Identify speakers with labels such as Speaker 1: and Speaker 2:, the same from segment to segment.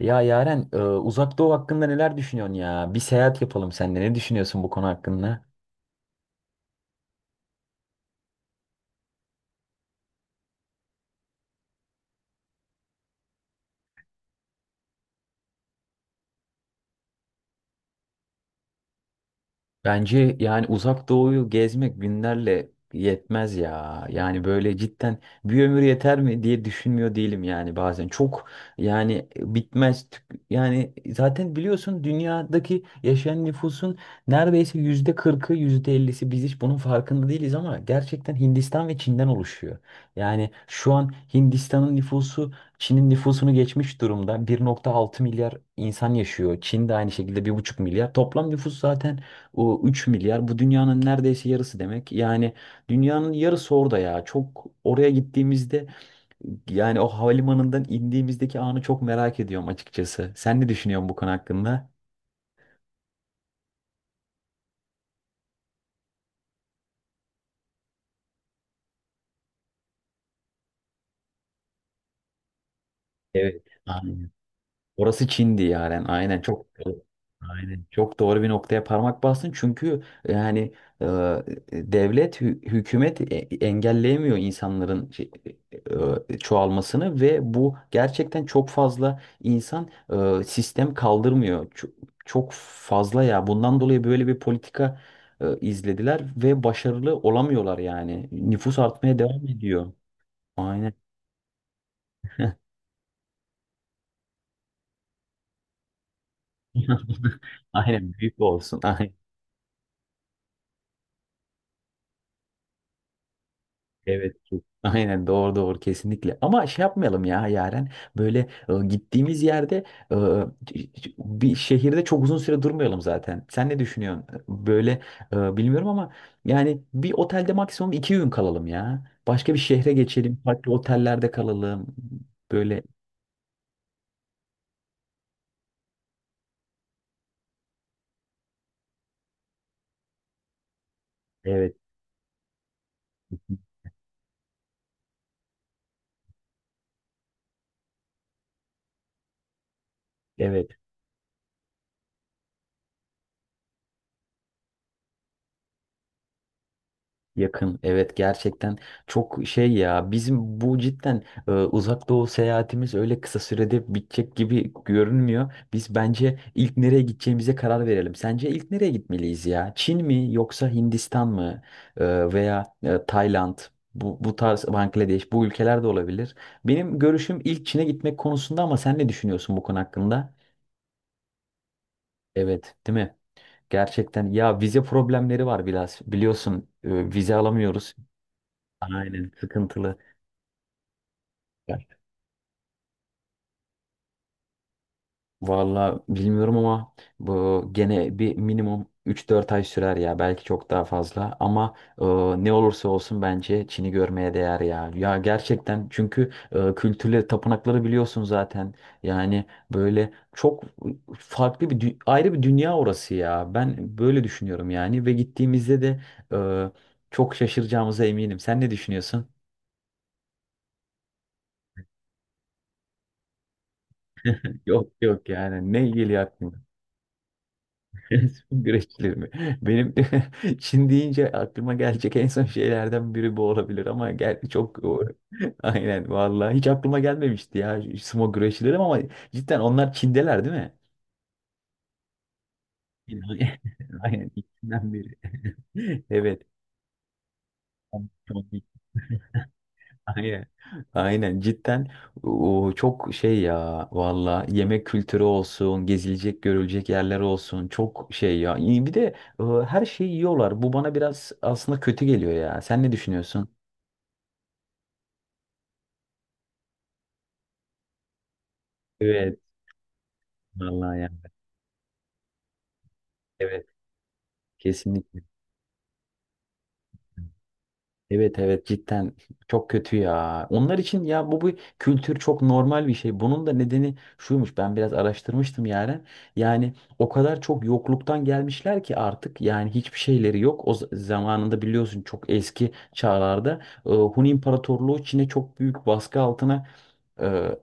Speaker 1: Ya Yaren, Uzak Doğu hakkında neler düşünüyorsun ya? Bir seyahat yapalım seninle. Ne düşünüyorsun bu konu hakkında? Bence yani uzak doğuyu gezmek günlerle yetmez ya. Yani böyle cidden bir ömür yeter mi diye düşünmüyor değilim yani bazen. Çok yani bitmez. Yani zaten biliyorsun dünyadaki yaşayan nüfusun neredeyse %40'ı yüzde ellisi biz hiç bunun farkında değiliz ama gerçekten Hindistan ve Çin'den oluşuyor. Yani şu an Hindistan'ın nüfusu Çin'in nüfusunu geçmiş durumda. 1,6 milyar insan yaşıyor. Çin de aynı şekilde 1,5 milyar. Toplam nüfus zaten o 3 milyar, bu dünyanın neredeyse yarısı demek. Yani dünyanın yarısı orada ya. Çok oraya gittiğimizde yani o havalimanından indiğimizdeki anı çok merak ediyorum açıkçası. Sen ne düşünüyorsun bu konu hakkında? Evet. Aynen. Orası Çin'di yani. Aynen çok doğru bir noktaya parmak bastın. Çünkü yani e, devlet hükümet engelleyemiyor insanların e, çoğalmasını ve bu gerçekten çok fazla insan, sistem kaldırmıyor. Çok, çok fazla ya. Bundan dolayı böyle bir politika izlediler ve başarılı olamıyorlar yani. Nüfus artmaya devam ediyor. Aynen. Aynen büyük olsun. Evet. Aynen doğru doğru kesinlikle. Ama şey yapmayalım ya Yaren. Böyle gittiğimiz yerde, e, bir şehirde çok uzun süre durmayalım zaten. Sen ne düşünüyorsun? Böyle bilmiyorum ama yani bir otelde maksimum 2 gün kalalım ya. Başka bir şehre geçelim. Farklı otellerde kalalım. Böyle evet. Evet. Yakın evet gerçekten çok şey ya bizim bu cidden uzak doğu seyahatimiz öyle kısa sürede bitecek gibi görünmüyor. Biz bence ilk nereye gideceğimize karar verelim. Sence ilk nereye gitmeliyiz ya? Çin mi yoksa Hindistan mı? Veya Tayland, bu tarz Bangladeş, bu ülkeler de olabilir. Benim görüşüm ilk Çin'e gitmek konusunda ama sen ne düşünüyorsun bu konu hakkında? Evet, değil mi? Gerçekten ya vize problemleri var biraz biliyorsun, vize alamıyoruz. Aynen sıkıntılı. Evet. Vallahi bilmiyorum ama bu gene bir minimum 3-4 ay sürer ya, belki çok daha fazla ama e, ne olursa olsun bence Çin'i görmeye değer ya. Ya gerçekten çünkü kültürleri, tapınakları biliyorsun zaten. Yani böyle çok farklı bir ayrı bir dünya orası ya. Ben böyle düşünüyorum yani ve gittiğimizde de e, çok şaşıracağımıza eminim. Sen ne düşünüyorsun? Yok yok, yani ne ilgili? Güreşçileri mi? Benim Çin deyince aklıma gelecek en son şeylerden biri bu olabilir ama gel çok aynen vallahi hiç aklıma gelmemişti ya sumo güreşçileri ama cidden onlar Çin'deler değil mi? Aynen Çinden biri. Evet. Aynen. Aynen cidden o çok şey ya, valla yemek kültürü olsun, gezilecek görülecek yerler olsun çok şey ya. İyi, bir de her şeyi yiyorlar, bu bana biraz aslında kötü geliyor ya, sen ne düşünüyorsun? Evet vallahi ya, evet kesinlikle. Evet evet cidden çok kötü ya. Onlar için ya bu bu kültür çok normal bir şey. Bunun da nedeni şuymuş. Ben biraz araştırmıştım yani. Yani o kadar çok yokluktan gelmişler ki artık yani hiçbir şeyleri yok. O zamanında biliyorsun çok eski çağlarda Hun İmparatorluğu Çin'e çok büyük baskı altına e,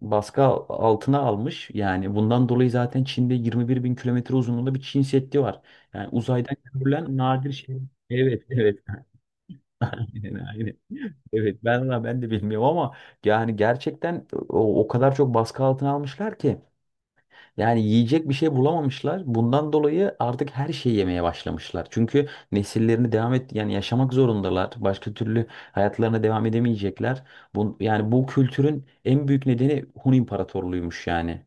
Speaker 1: baskı al- altına almış. Yani bundan dolayı zaten Çin'de 21 bin kilometre uzunluğunda bir Çin Seddi var. Yani uzaydan görülen nadir şey. Evet evet. Aynen, aynen. Evet ben valla ben de bilmiyorum ama yani gerçekten o kadar çok baskı altına almışlar ki yani yiyecek bir şey bulamamışlar. Bundan dolayı artık her şeyi yemeye başlamışlar. Çünkü nesillerini devam et yani yaşamak zorundalar. Başka türlü hayatlarına devam edemeyecekler. Bu, yani bu kültürün en büyük nedeni Hun İmparatorluğuymuş yani.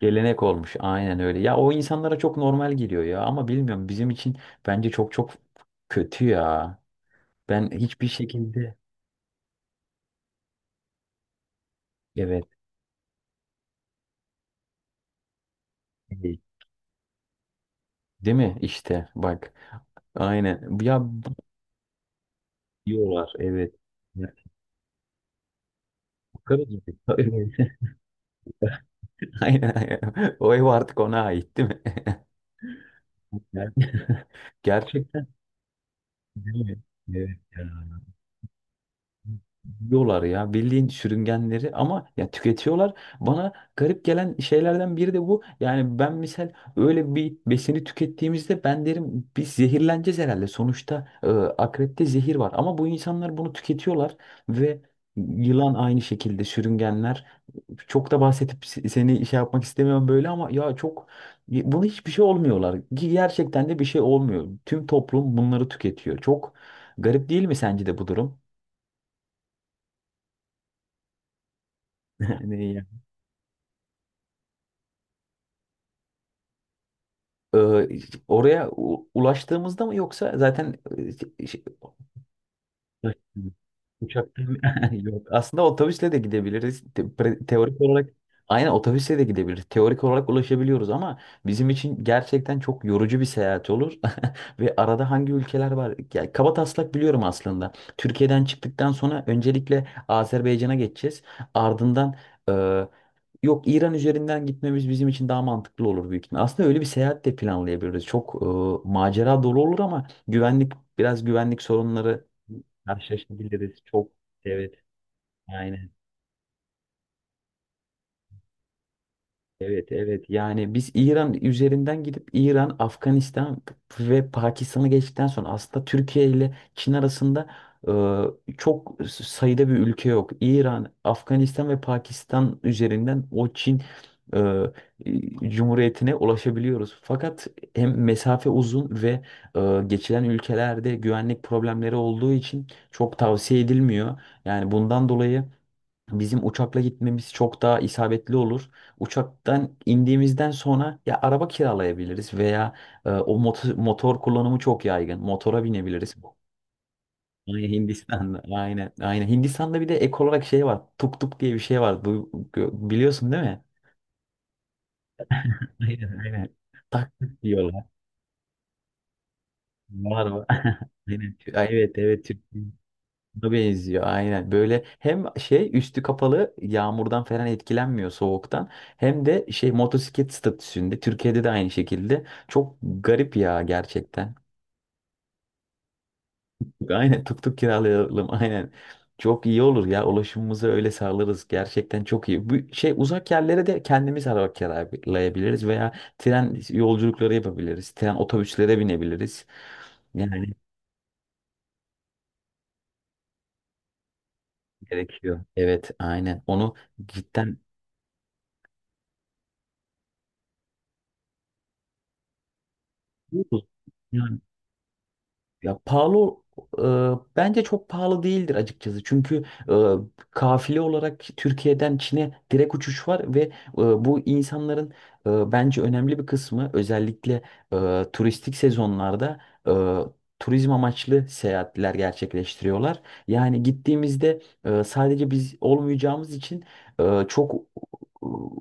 Speaker 1: Gelenek olmuş aynen öyle. Ya o insanlara çok normal geliyor ya ama bilmiyorum, bizim için bence çok çok kötü ya. Ben hiçbir şekilde evet. iyi. Değil mi? İşte bak. Aynen. Ya diyorlar evet. Ya, yukarı gibi. Evet. Aynen aynen. O ev artık ona ait değil mi? Yani- Gerçekten değil mi? Evet. Ya. Yiyorlar ya bildiğin sürüngenleri ama ya tüketiyorlar. Bana garip gelen şeylerden biri de bu. Yani ben misal öyle bir besini tükettiğimizde ben derim biz zehirleneceğiz herhalde. Sonuçta akrepte zehir var ama bu insanlar bunu tüketiyorlar ve yılan aynı şekilde sürüngenler. Çok da bahsedip seni şey yapmak istemiyorum böyle ama ya çok bunu hiçbir şey olmuyorlar. Ki gerçekten de bir şey olmuyor. Tüm toplum bunları tüketiyor. Çok garip değil mi sence de bu durum? Ee, oraya ulaştığımızda mı yoksa zaten şey, uçakta yok. Aslında otobüsle de gidebiliriz. Teorik olarak aynen otobüsle de gidebiliriz. Teorik olarak ulaşabiliyoruz ama bizim için gerçekten çok yorucu bir seyahat olur. Ve arada hangi ülkeler var? Yani kaba taslak biliyorum aslında. Türkiye'den çıktıktan sonra öncelikle Azerbaycan'a geçeceğiz. Ardından e, yok, İran üzerinden gitmemiz bizim için daha mantıklı olur büyük ihtimal. Aslında öyle bir seyahat de planlayabiliriz. Çok macera dolu olur ama güvenlik, biraz güvenlik sorunları karşılaşabiliriz çok. Evet, aynen. Evet, evet. Yani biz İran üzerinden gidip İran, Afganistan ve Pakistan'ı geçtikten sonra aslında Türkiye ile Çin arasında çok sayıda bir ülke yok. İran, Afganistan ve Pakistan üzerinden o Çin e, Cumhuriyeti'ne ulaşabiliyoruz. Fakat hem mesafe uzun ve geçilen ülkelerde güvenlik problemleri olduğu için çok tavsiye edilmiyor. Yani bundan dolayı bizim uçakla gitmemiz çok daha isabetli olur. Uçaktan indiğimizden sonra ya araba kiralayabiliriz veya o motor kullanımı çok yaygın. Motora binebiliriz. Aynen Hindistan'da. Aynen. Aynen. Hindistan'da bir de ek olarak şey var. Tuk tuk diye bir şey var. Bu, biliyorsun değil mi? Aynen aynen. Tak tuk diyorlar. Var var. Aynen. Evet evet Türk. Buna benziyor aynen. Böyle hem şey üstü kapalı, yağmurdan falan etkilenmiyor soğuktan. Hem de şey motosiklet statüsünde Türkiye'de de aynı şekilde. Çok garip ya gerçekten. Aynen tuk tuk kiralayalım aynen. Çok iyi olur ya, ulaşımımızı öyle sağlarız. Gerçekten çok iyi. Bu şey uzak yerlere de kendimiz araba kiralayabiliriz veya tren yolculukları yapabiliriz. Tren otobüslere binebiliriz. Yani gerekiyor. Evet aynen. Onu cidden ya pahalı, e, bence çok pahalı değildir açıkçası. Çünkü kafile olarak Türkiye'den Çin'e direkt uçuş var ve bu insanların bence önemli bir kısmı özellikle turistik sezonlarda e, turizm amaçlı seyahatler gerçekleştiriyorlar. Yani gittiğimizde sadece biz olmayacağımız için çok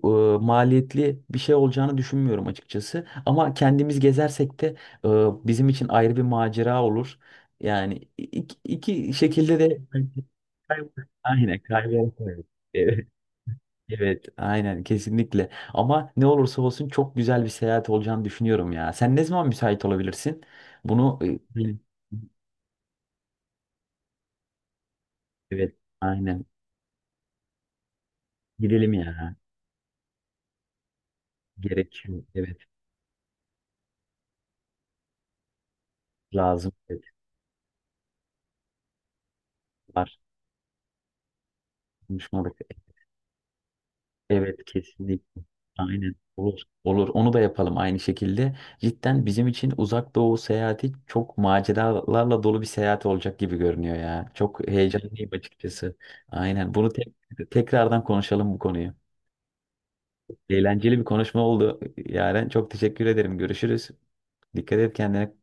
Speaker 1: e, maliyetli bir şey olacağını düşünmüyorum açıkçası. Ama kendimiz gezersek de ee, bizim için ayrı bir macera olur. Yani iki şekilde de Kay- aynen kaybedersin. Evet, evet, aynen kesinlikle. Ama ne olursa olsun çok güzel bir seyahat olacağını düşünüyorum ya. Sen ne zaman müsait olabilirsin? Bunu aynen. Evet, aynen. Gidelim ya. Gerekiyor. Evet, lazım. Evet, var. Konuşmadık. Evet kesinlikle. Aynen. Olur. Olur. Onu da yapalım aynı şekilde. Cidden bizim için uzak doğu seyahati çok maceralarla dolu bir seyahat olacak gibi görünüyor ya. Çok heyecanlıyım açıkçası. Aynen. Bunu tekrardan konuşalım bu konuyu. Eğlenceli bir konuşma oldu. Yaren çok teşekkür ederim. Görüşürüz. Dikkat et kendine.